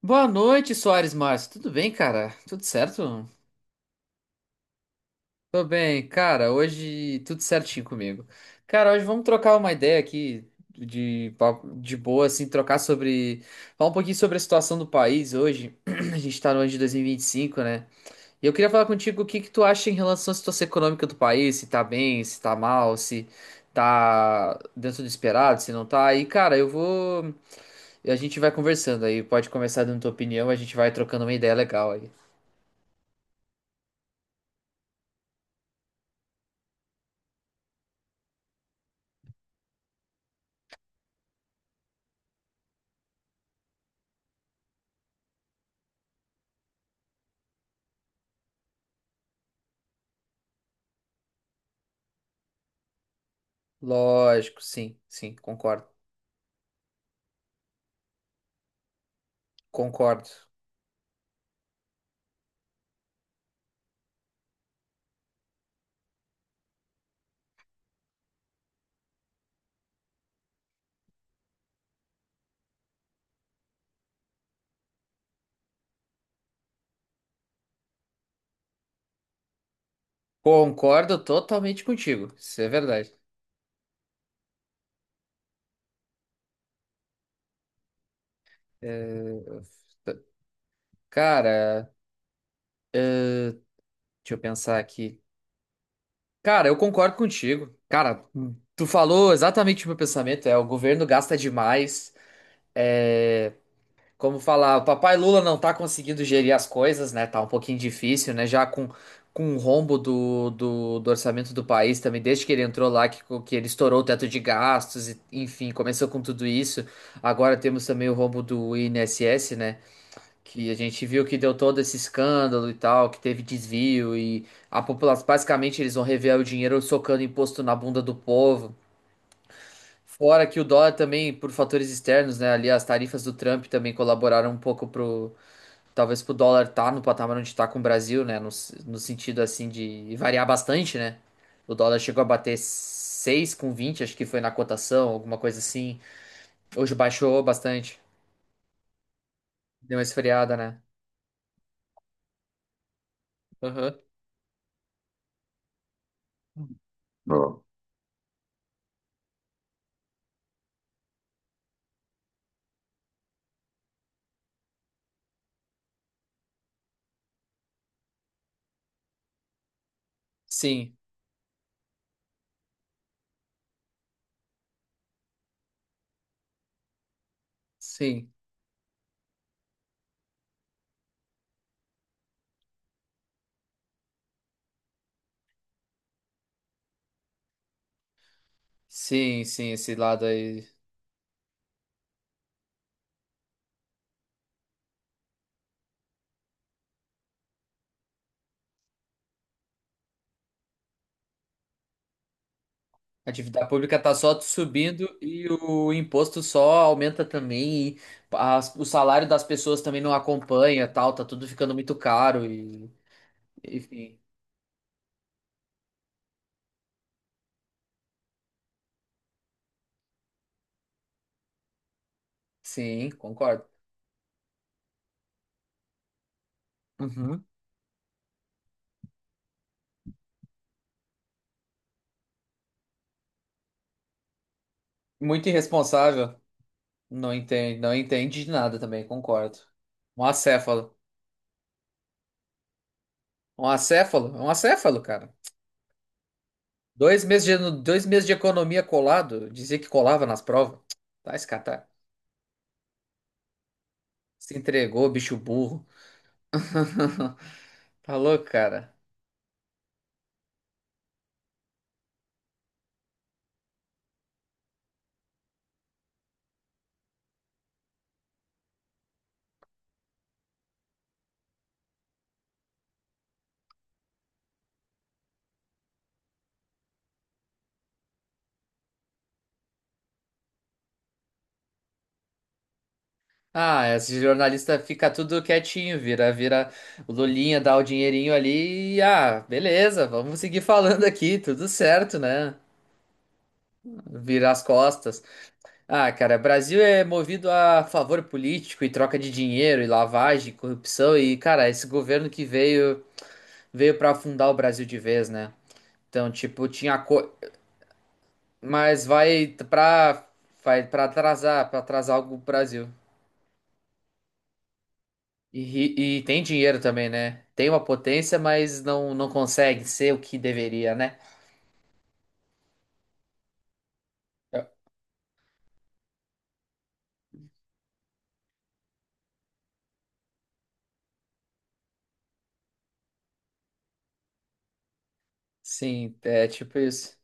Boa noite, Soares Márcio. Tudo bem, cara? Tudo certo? Tô bem, cara. Hoje tudo certinho comigo. Cara, hoje vamos trocar uma ideia aqui de, de boa, assim, trocar sobre. Falar um pouquinho sobre a situação do país hoje. A gente tá no ano de dois mil e vinte e cinco, né? E eu queria falar contigo o que que tu acha em relação à situação econômica do país, se tá bem, se tá mal, se tá dentro do esperado, se não tá. E, cara, eu vou. A gente vai conversando aí. Pode começar dando tua opinião, a gente vai trocando uma ideia legal aí. Lógico, sim, sim, concordo. Concordo. Concordo totalmente contigo. Isso é verdade. É, cara, deixa eu pensar aqui. Cara, eu concordo contigo. Cara, tu falou exatamente o meu pensamento. É, o governo gasta demais. é, Como falar, o papai Lula não tá conseguindo gerir as coisas, né? Tá um pouquinho difícil, né? Já com o rombo do orçamento do país também, desde que ele entrou lá, que ele estourou o teto de gastos, e, enfim, começou com tudo isso. Agora temos também o rombo do INSS, né? Que a gente viu que deu todo esse escândalo e tal, que teve desvio e a população, basicamente, eles vão rever o dinheiro socando imposto na bunda do povo. Fora que o dólar também, por fatores externos, né? Ali as tarifas do Trump também colaboraram um pouco para talvez pro dólar tá no patamar onde tá com o Brasil, né? No, no sentido assim de variar bastante, né? O dólar chegou a bater seis com vinte, acho que foi na cotação, alguma coisa assim. Hoje baixou bastante. Deu uma esfriada, né? Aham. Sim, sim, sim, sim, esse lado aí. A dívida pública tá só subindo e o imposto só aumenta também. E o salário das pessoas também não acompanha, tal, tá tudo ficando muito caro e, enfim. Sim, concordo. Uhum. Muito irresponsável. Não entende, não entende de nada também, concordo. Um acéfalo. Um acéfalo? Um acéfalo, cara. Dois meses de economia colado, dizia que colava nas provas. Tá, se entregou, bicho burro. Tá louco, cara. Ah, esse jornalista fica tudo quietinho, vira o Lulinha, dá o dinheirinho ali e ah, beleza, vamos seguir falando aqui, tudo certo, né? Vira as costas. Ah, cara, Brasil é movido a favor político e troca de dinheiro e lavagem, corrupção e, cara, esse governo que veio para afundar o Brasil de vez, né? Então, tipo, tinha co... mas vai pra vai para atrasar algo o Brasil. E tem dinheiro também, né? Tem uma potência, mas não consegue ser o que deveria, né? Sim, é tipo isso.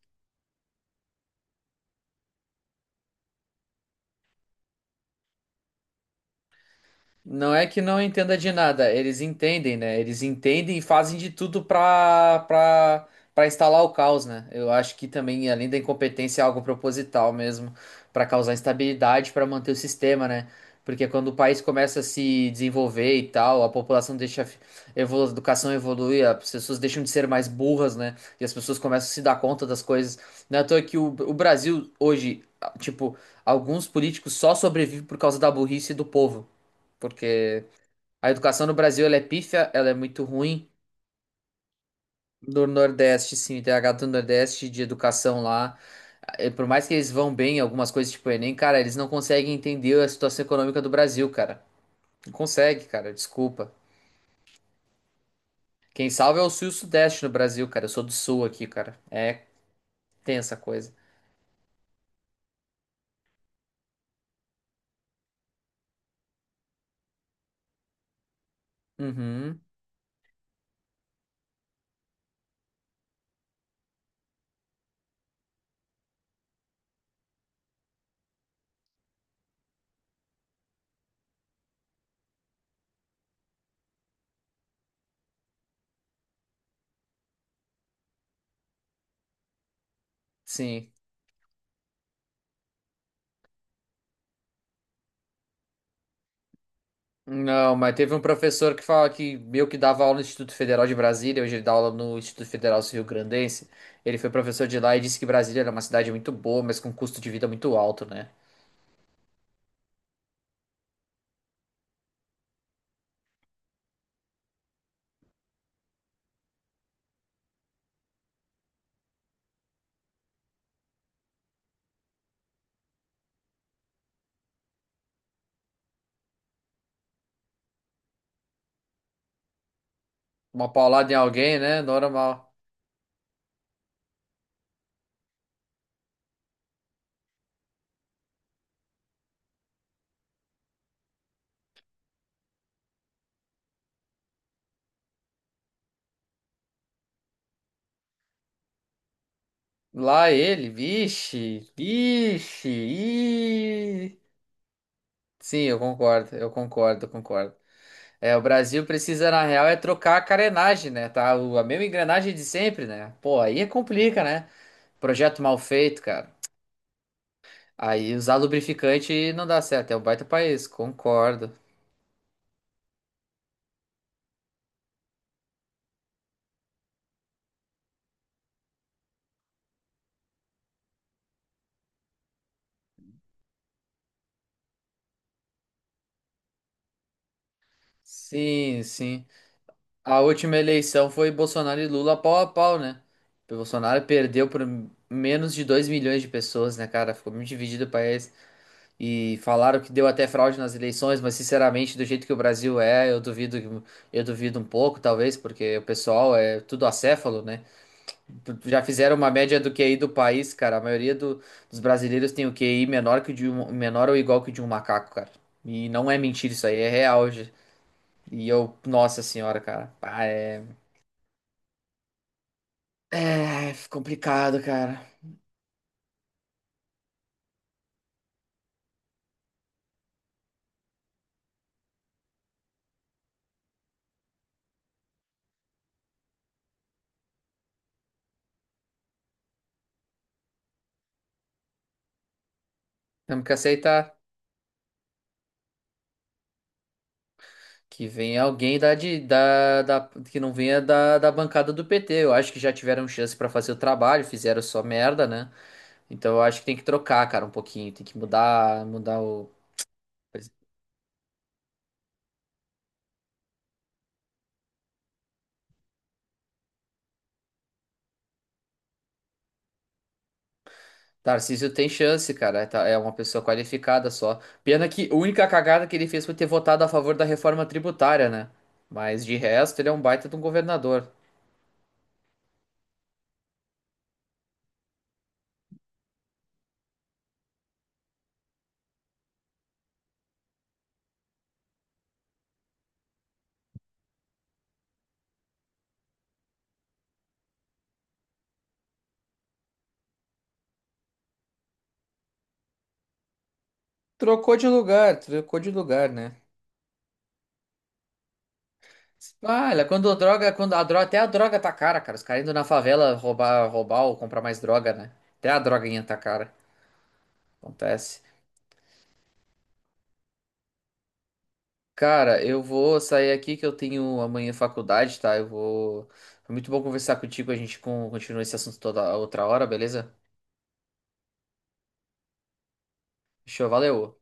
Não é que não entenda de nada, eles entendem, né? Eles entendem e fazem de tudo pra instalar o caos, né? Eu acho que também, além da incompetência, é algo proposital mesmo, pra causar instabilidade, pra manter o sistema, né? Porque quando o país começa a se desenvolver e tal, a população deixa, a educação evolui, as pessoas deixam de ser mais burras, né? E as pessoas começam a se dar conta das coisas. Não é à toa que o Brasil hoje, tipo, alguns políticos só sobrevivem por causa da burrice do povo porque a educação no Brasil ela é pífia, ela é muito ruim. Do Nordeste, sim, tem a gata do Nordeste de educação lá. Eh, por mais que eles vão bem em algumas coisas tipo o Enem, cara, eles não conseguem entender a situação econômica do Brasil, cara. Não consegue, cara, desculpa. Quem salva é o Sul e o Sudeste no Brasil, cara. Eu sou do Sul aqui, cara. É tensa a coisa. Uhum, sim. Não, mas teve um professor que fala que meio que dava aula no Instituto Federal de Brasília, hoje ele dá aula no Instituto Federal Rio-Grandense. Ele foi professor de lá e disse que Brasília era uma cidade muito boa, mas com custo de vida muito alto, né? Uma paulada em alguém, né? Normal. Lá ele, vixe, vixe, ih. Sim, eu concordo, eu concordo, eu concordo. É, o Brasil precisa, na real, é trocar a carenagem, né? Tá? A mesma engrenagem de sempre, né? Pô, aí complica, né? Projeto mal feito, cara. Aí usar lubrificante não dá certo, é um baita país, concordo. Sim, sim. A última eleição foi Bolsonaro e Lula pau a pau, né? O Bolsonaro perdeu por menos de 2 milhões de pessoas, né, cara? Ficou muito dividido o país. E falaram que deu até fraude nas eleições, mas sinceramente, do jeito que o Brasil é, eu duvido um pouco, talvez, porque o pessoal é tudo acéfalo, né? Já fizeram uma média do QI do país, cara. Dos brasileiros tem o QI menor que menor ou igual que o de um macaco, cara. E não é mentira isso aí, é real. Gente. E eu, nossa senhora, cara. Ah, é, é complicado, cara. Temos que aceitar que venha alguém da, de, da, da- que não venha da bancada do PT. Eu acho que já tiveram chance pra fazer o trabalho, fizeram só merda, né? Então eu acho que tem que trocar, cara, um pouquinho. Tem que mudar, mudar o Tarcísio tem chance, cara. É, é uma pessoa qualificada só. Pena que a única cagada que ele fez foi ter votado a favor da reforma tributária, né? Mas de resto, ele é um baita de um governador. Trocou de lugar, né? Ah, olha, quando a droga, até a droga tá cara, cara. Os caras indo na favela roubar, roubar ou comprar mais droga, né? Até a droguinha tá cara. Acontece. Cara, eu vou sair aqui que eu tenho amanhã faculdade, tá? Eu vou. Foi muito bom conversar contigo. A gente continua esse assunto toda outra hora, beleza? Show, valeu.